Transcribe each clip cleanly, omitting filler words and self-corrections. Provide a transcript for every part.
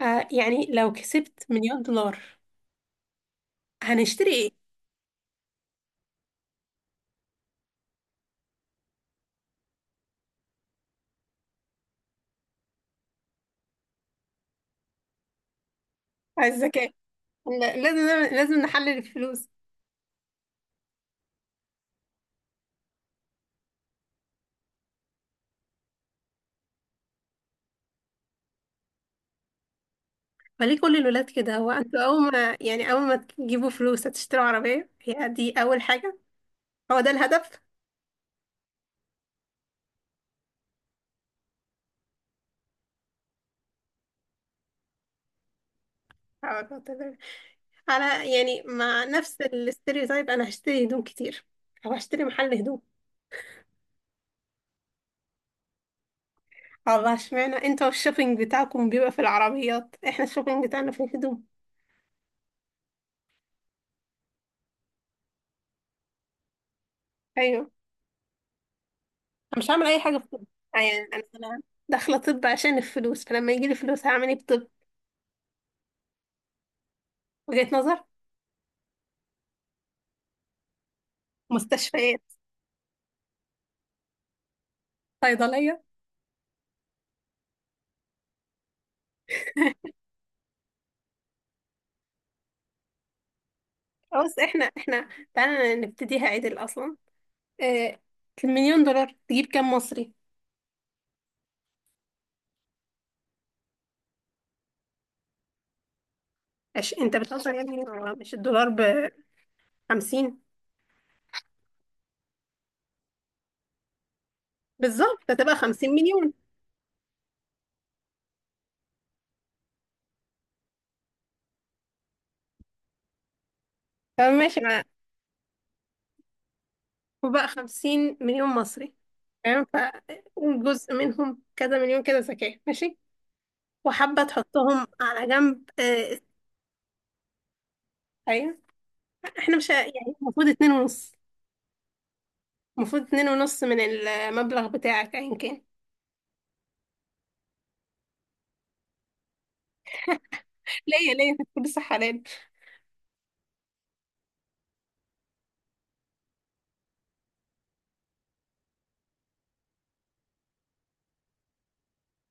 آه، يعني لو كسبت مليون دولار هنشتري ايه؟ على الذكاء. لازم نحلل الفلوس. فليه كل الولاد كده؟ هو انتوا اول ما اول ما تجيبوا فلوس هتشتروا عربية؟ هي دي اول حاجة؟ هو ده الهدف؟ هو ده الهدف. على، يعني مع نفس الاستيريوتايب، انا هشتري هدوم كتير او هشتري محل هدوم. الله، اشمعنى انتوا الشوبينج بتاعكم بيبقى في العربيات، احنا الشوبينج بتاعنا في الهدوم؟ ايوه. انا مش هعمل اي حاجه في طب. يعني أنا داخله طب عشان الفلوس، فلما يجي لي فلوس هعمل ايه في طب؟ وجهه نظر. مستشفيات. صيدليه. خلاص. احنا تعالى نبتديها عدل اصلا. آه، المليون دولار تجيب كام مصري؟ انت بتهزر يا ابني، هو مش الدولار ب 50؟ بالظبط، هتبقى 50 مليون. فماشي. ما وبقى 50 مليون مصري، تمام. فجزء منهم كذا مليون كده زكاة، ماشي، وحابة تحطهم على جنب، آه. ايوه، احنا مش ه- يعني المفروض 2.5. المفروض اتنين ونص من المبلغ بتاعك ايا كان. ليه انت بتقول لسه حلال؟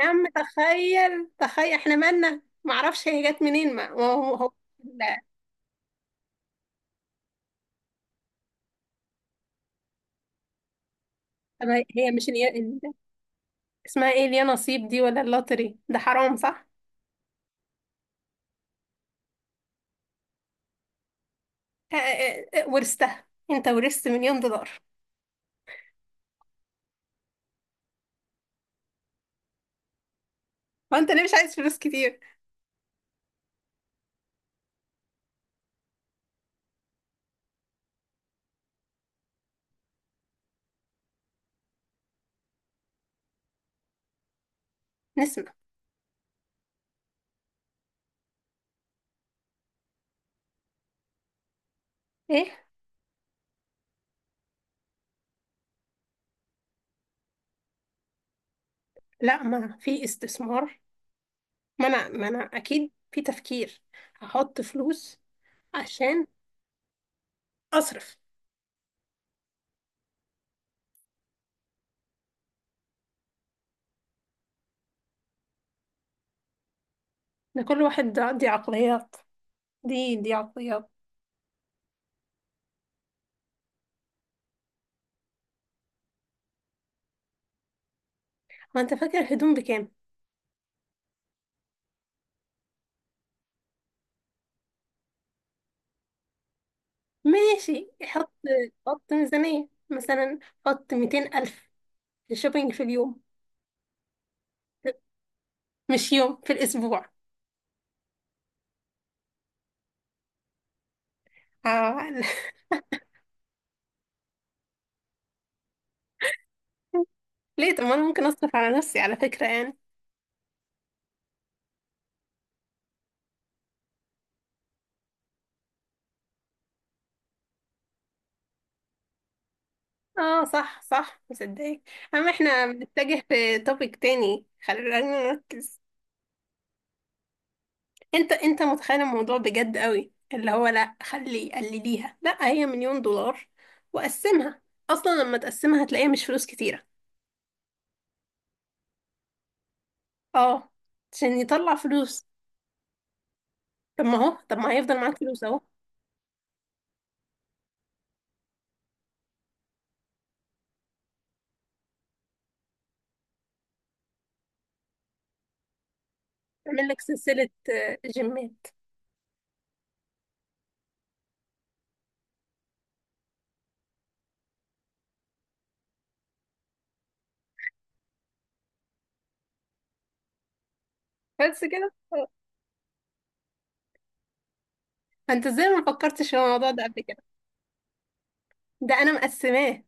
يا عم تخيل، احنا مالنا، معرفش هي جت منين. ما ما هو لا. طب هي مش اسمها ايه، اليا نصيب دي ولا اللوتري ده حرام، صح؟ اه، ورثتها، انت ورثت مليون دولار. وانت ليه مش عايز فلوس كتير؟ نسمع ايه؟ لا، ما في استثمار. ما انا اكيد في تفكير. هحط فلوس عشان اصرف. ده كل واحد ده، دي دي عقليات. ما انت فاكر الهدوم بكام؟ ماشي، حط ميزانية مثلا، حط 200 ألف شوبينج في اليوم، مش يوم في الأسبوع. آه. ليه؟ طب ما أنا ممكن أصرف على نفسي على فكرة يعني. اه صح، صح، مصدقك. أما احنا بنتجه في توبيك تاني، خلينا نركز. انت متخيل الموضوع بجد قوي، اللي هو لا خلي قلليها، لا هي مليون دولار وقسمها. اصلا لما تقسمها هتلاقيها مش فلوس كتيره. اه، عشان يطلع فلوس. طب ما هيفضل معاك فلوس اهو. تعمل لك سلسله، آه، جيمات. بس كده، اه. انت ازاي ما فكرتش في الموضوع ده قبل كده؟ ده انا مقسماه.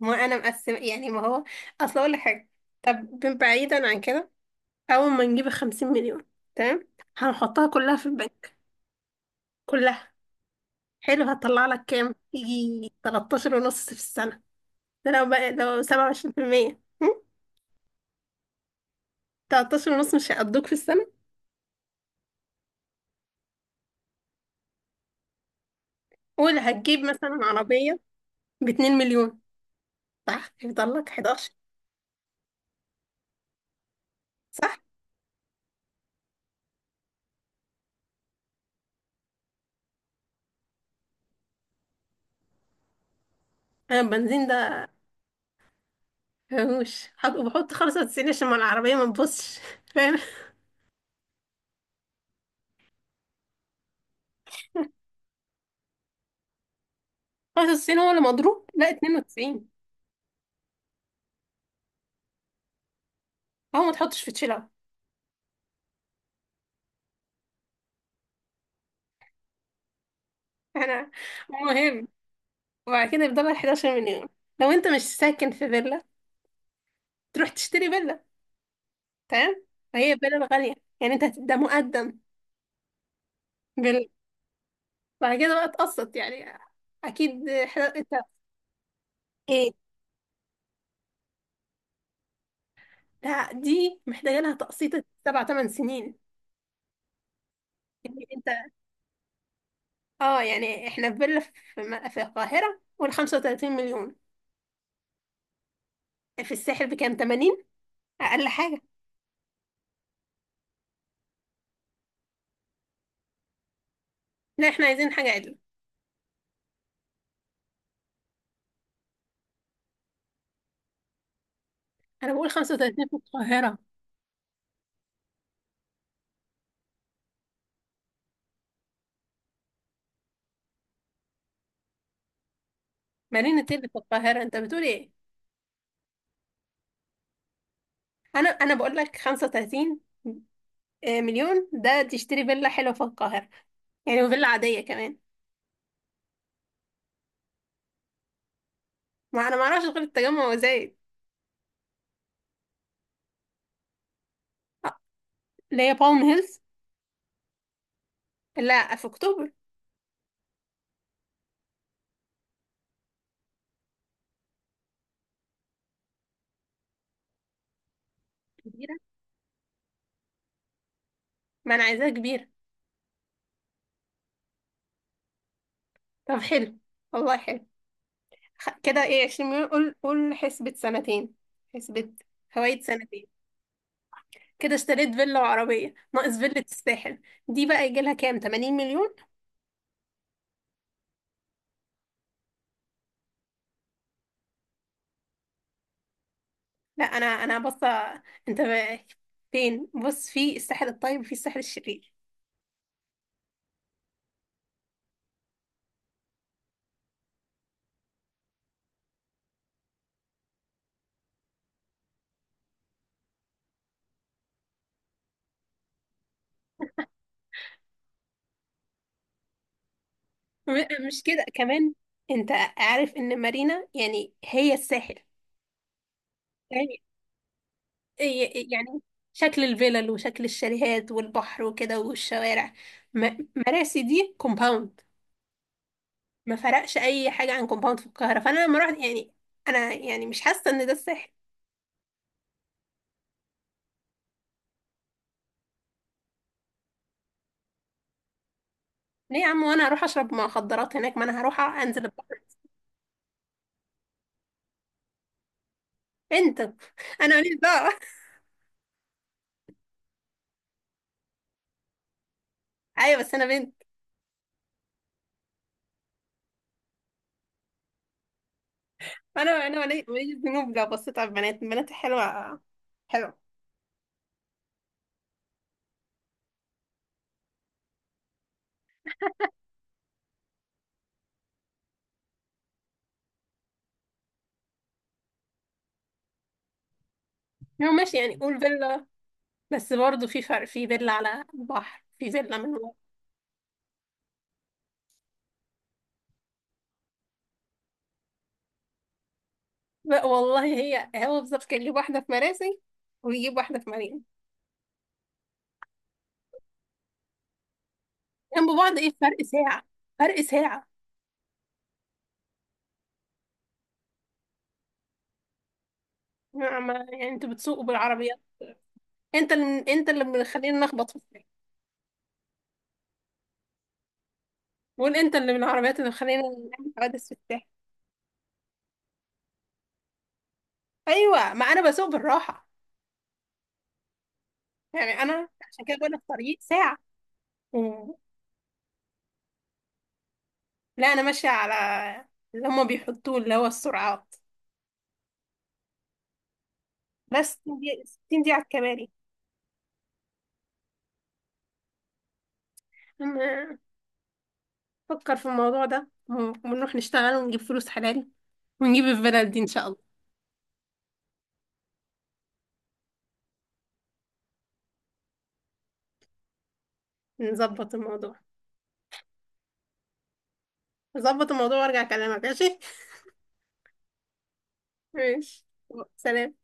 ما انا مقسمه يعني ما هو. اصل اقول لك حاجه، طب بعيدا عن كده، اول ما نجيب 50 مليون، تمام، هنحطها كلها في البنك، كلها. حلو، هتطلع لك كام، يجي 13 ونص في السنة. ده لو بقى لو 27%. هم؟ 13 ونص مش هيقضوك في السنة؟ ولا هتجيب مثلا عربية ب 2 مليون، صح، هيفضل لك 11، صح. انا البنزين ده مفهوش بحط 95 عشان ما العربية ما تبصش. فاهم. 95 هو اللي مضروب، لا 92. هو ما تحطش في تشيل اوت. انا المهم، وبعد كده يفضل لك 11 مليون. لو انت مش ساكن في فيلا تروح تشتري فيلا، تمام. فهي بلد غالية، يعني ده مقدم بال... بعد كده بقى تقسط يعني، اكيد انت ايه. لا دي محتاجة لها تقسيط 7 8 سنين. يعني انت، اه، يعني احنا في فيلا في، في القاهرة قول 35 مليون، في الساحل بكام، 80 اقل حاجة. لا احنا عايزين حاجة عدل. انا بقول 35 في القاهرة. مارينا تيلي في القاهرة؟ انت بتقول ايه؟ انا بقول لك 35 مليون ده تشتري فيلا حلوة في القاهرة، يعني وفيلا عادية كمان. ما انا ما اعرفش غير التجمع وزايد. آه، اللي هي بالم هيلز. لا في اكتوبر. كبيرة، ما انا عايزاها كبيرة. طب حلو، والله حلو. كده ايه، 20 مليون، قول قول حسبة سنتين، حسبة فوائد سنتين. كده اشتريت فيلا وعربية، ناقص فيلة الساحل. دي بقى يجي لها كام، 80 مليون. لا انا بص، انت بقى فين، بص في الساحل الطيب وفي الساحل الشرير. مش كده كمان، انت عارف ان مارينا يعني هي الساحل؟ فاهم؟ يعني شكل الفلل وشكل الشاليهات والبحر وكده والشوارع. مراسي دي كومباوند، ما فرقش اي حاجه عن كومباوند في القاهره. فانا لما رحت، يعني انا يعني مش حاسه ان ده الساحل. ليه يا عم؟ وانا هروح اشرب مخدرات هناك؟ ما انا هروح انزل البحر. بنت. انا ماليش دعوه. ايوه، بس انا بنت. انا ماليش ذنوب لو بصيت على البنات، البنات حلوه، حلوه. يعني ماشي، يعني قول فيلا. بس برضه في فرق، في فيلا على البحر، في فيلا من. بقى والله، هي هو بالظبط كان يجيب واحدة في مراسي، ويجيب واحدة في مريم. جنب بعض ايه، فرق ساعة، فرق ساعة. يعني انتوا بتسوقوا بالعربيات. انت اللي مخلينا نخبط في الساحل. وانت اللي من العربيات اللي مخلينا نعمل حوادث في الساحل. ايوه، ما انا بسوق بالراحة. يعني انا عشان كده بقول لك طريق ساعة. مم. لا انا ماشية على اللي هما بيحطوه، اللي هو السرعات. بس 60 دقيقة، 60 دقيقة على الكباري. أما فكر في الموضوع ده، ونروح نشتغل ونجيب فلوس حلال ونجيب الفيلا دي ان شاء الله. نظبط الموضوع، نظبط الموضوع وارجع اكلمك، ماشي. ماشي. سلام.